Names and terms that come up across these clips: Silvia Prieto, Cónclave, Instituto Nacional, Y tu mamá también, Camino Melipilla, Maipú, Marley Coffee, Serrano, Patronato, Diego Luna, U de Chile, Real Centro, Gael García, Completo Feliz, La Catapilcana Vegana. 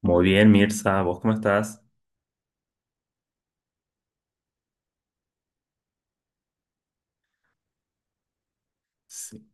Muy bien, Mirza, ¿vos cómo estás? Sí.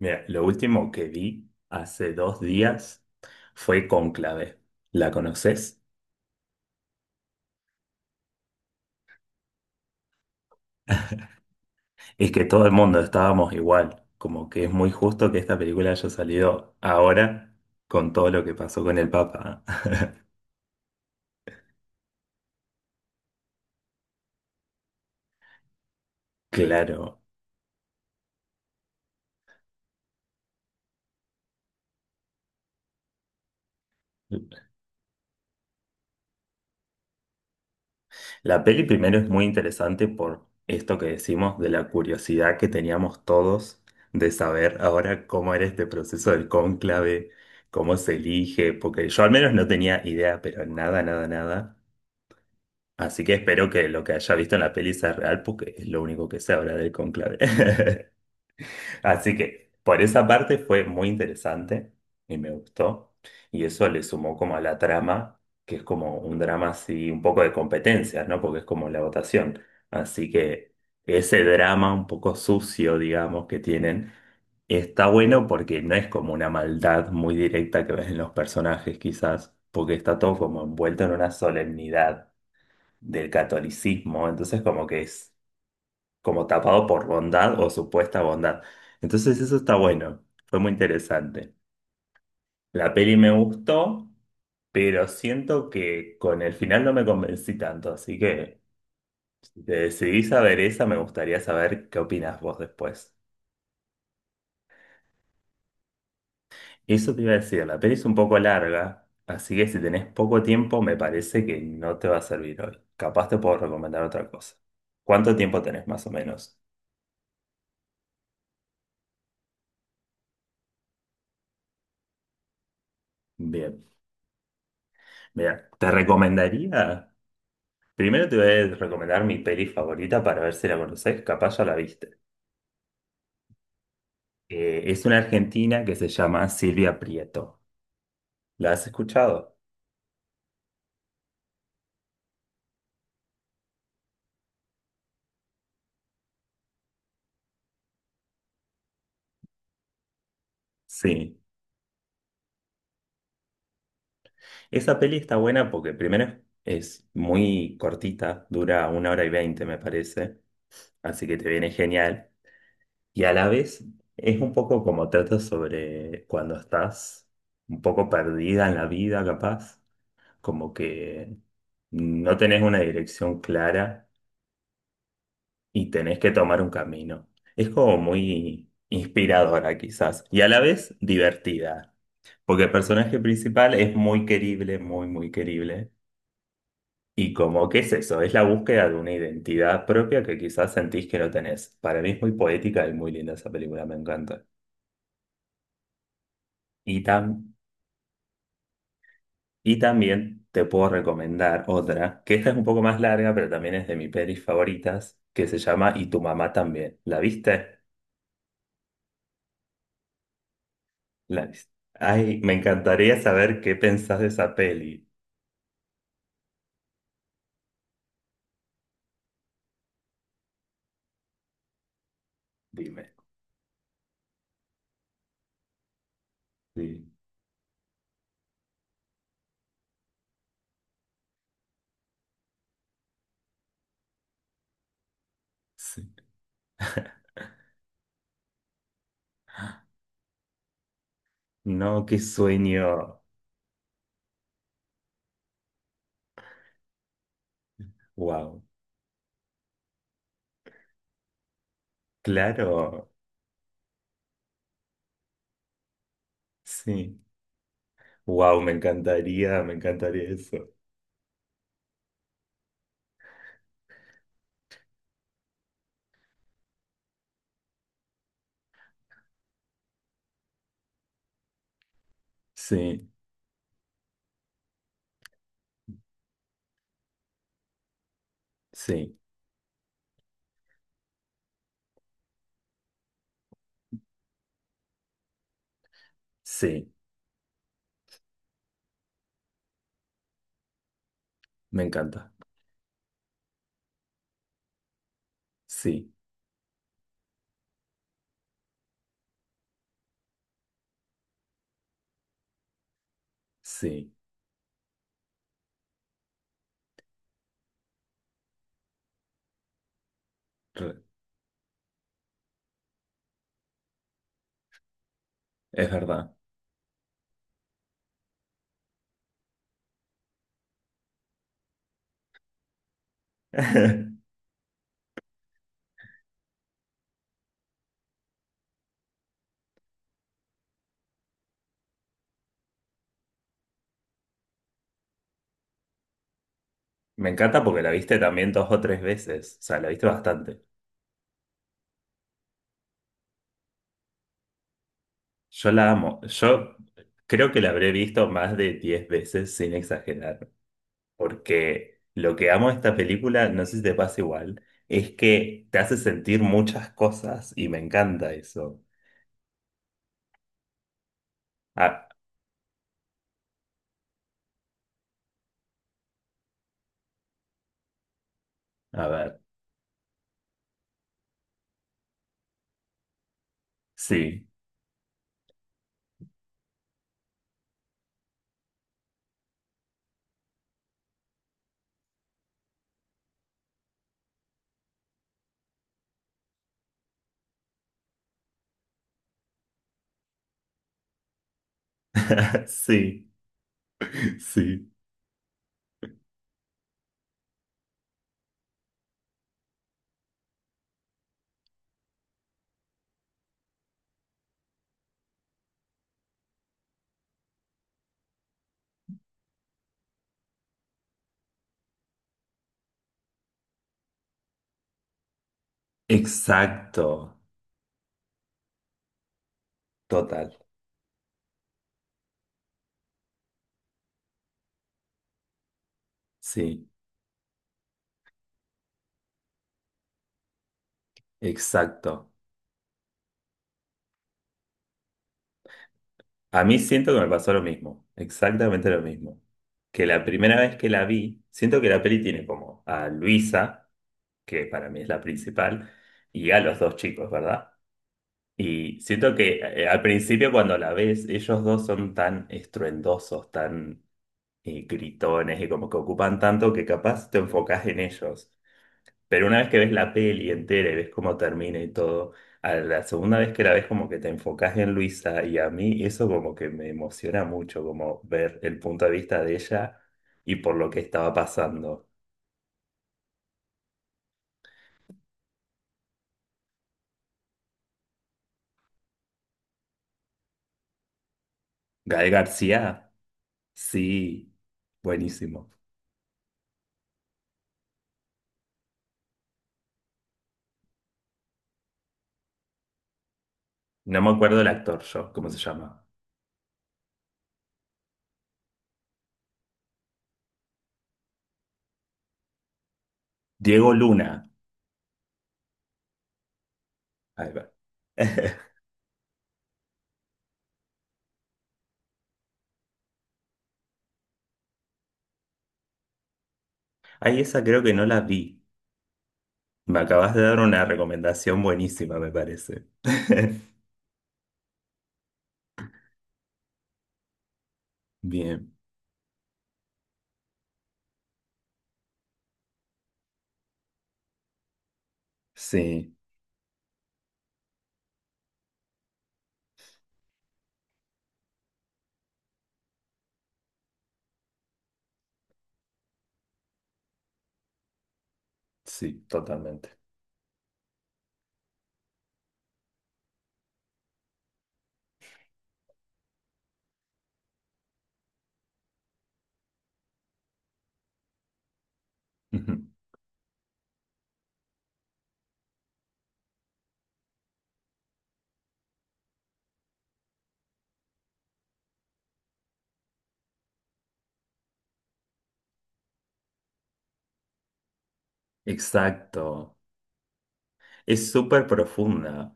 Mira, lo último que vi hace 2 días fue Cónclave. ¿La conoces? Es que todo el mundo estábamos igual, como que es muy justo que esta película haya salido ahora con todo lo que pasó con el Papa. Claro. La peli primero es muy interesante por esto que decimos de la curiosidad que teníamos todos de saber ahora cómo era este proceso del cónclave, cómo se elige, porque yo al menos no tenía idea, pero nada, nada, nada. Así que espero que lo que haya visto en la peli sea real, porque es lo único que se habla del cónclave. Así que por esa parte fue muy interesante y me gustó. Y eso le sumó como a la trama, que es como un drama así, un poco de competencias, ¿no? Porque es como la votación. Así que ese drama un poco sucio, digamos, que tienen, está bueno porque no es como una maldad muy directa que ves en los personajes, quizás, porque está todo como envuelto en una solemnidad del catolicismo. Entonces como que es como tapado por bondad o supuesta bondad. Entonces eso está bueno, fue muy interesante. La peli me gustó, pero siento que con el final no me convencí tanto, así que si te decidís a ver esa, me gustaría saber qué opinas vos después. Eso te iba a decir, la peli es un poco larga, así que si tenés poco tiempo, me parece que no te va a servir hoy. Capaz te puedo recomendar otra cosa. ¿Cuánto tiempo tenés más o menos? Bien, mira, te recomendaría. Primero te voy a recomendar mi peli favorita para ver si la conoces, capaz ya la viste. Es una argentina que se llama Silvia Prieto. ¿La has escuchado? Sí. Esa peli está buena porque primero es muy cortita, dura 1 hora y 20 me parece, así que te viene genial. Y a la vez es un poco como trata sobre cuando estás un poco perdida en la vida, capaz, como que no tenés una dirección clara y tenés que tomar un camino. Es como muy inspiradora quizás y a la vez divertida, porque el personaje principal es muy querible, muy, muy querible. Y como, ¿qué es eso? Es la búsqueda de una identidad propia que quizás sentís que no tenés. Para mí es muy poética y muy linda esa película, me encanta. Y, tam- y también te puedo recomendar otra, que esta es un poco más larga, pero también es de mis pelis favoritas, que se llama Y tu mamá también. ¿La viste? La- Ay, me encantaría saber qué pensás de esa peli. Dime. Sí. Sí. No, qué sueño. Wow. Claro. Sí. Wow, me encantaría eso. Sí, sí, sí, me encanta. Sí, sí, re- es verdad. Me encanta porque la viste también dos o tres veces. O sea, la viste bastante. Yo la amo. Yo creo que la habré visto más de 10 veces sin exagerar. Porque lo que amo de esta película, no sé si te pasa igual, es que te hace sentir muchas cosas y me encanta eso. Ah, a ver, sí, sí, sí, exacto, total, sí, exacto. A mí siento que me pasó lo mismo, exactamente lo mismo. Que la primera vez que la vi, siento que la peli tiene como a Luisa, que para mí es la principal, y a los dos chicos, ¿verdad? Y siento que al principio cuando la ves, ellos dos son tan estruendosos, tan gritones y como que ocupan tanto que capaz te enfocás en ellos. Pero una vez que ves la peli entera y ves cómo termina y todo, a la segunda vez que la ves como que te enfocás en Luisa y a mí eso como que me emociona mucho, como ver el punto de vista de ella y por lo que estaba pasando. Gael García, sí, buenísimo. No me acuerdo el actor yo, ¿cómo se llama? Diego Luna. Ahí va. Ahí esa creo que no la vi. Me acabas de dar una recomendación buenísima, me parece. Bien. Sí, sí, totalmente. Ujú. Exacto. Es súper profunda.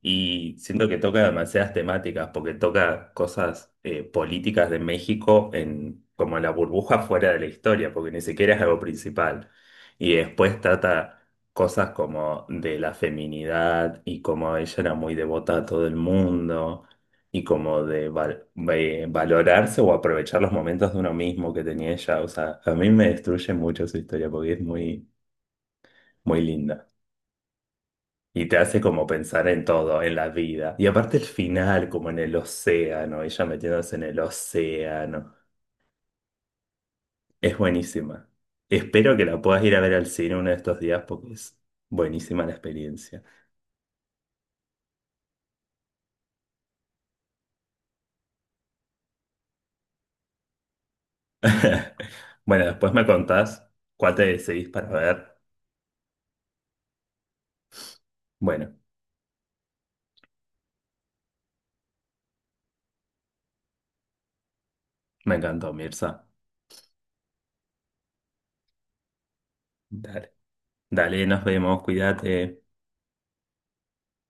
Y siento que toca demasiadas temáticas, porque toca cosas políticas de México en como la burbuja fuera de la historia, porque ni siquiera es algo principal. Y después trata cosas como de la feminidad y como ella era muy devota a todo el mundo y como de valorarse o aprovechar los momentos de uno mismo que tenía ella. O sea, a mí me destruye mucho su historia porque es muy, muy linda. Y te hace como pensar en todo, en la vida. Y aparte el final, como en el océano, ella metiéndose en el océano. Es buenísima. Espero que la puedas ir a ver al cine uno de estos días porque es buenísima la experiencia. Bueno, después me contás cuál te decidís para ver. Bueno, me encantó, Mirza. Dale. Dale, nos vemos, cuídate.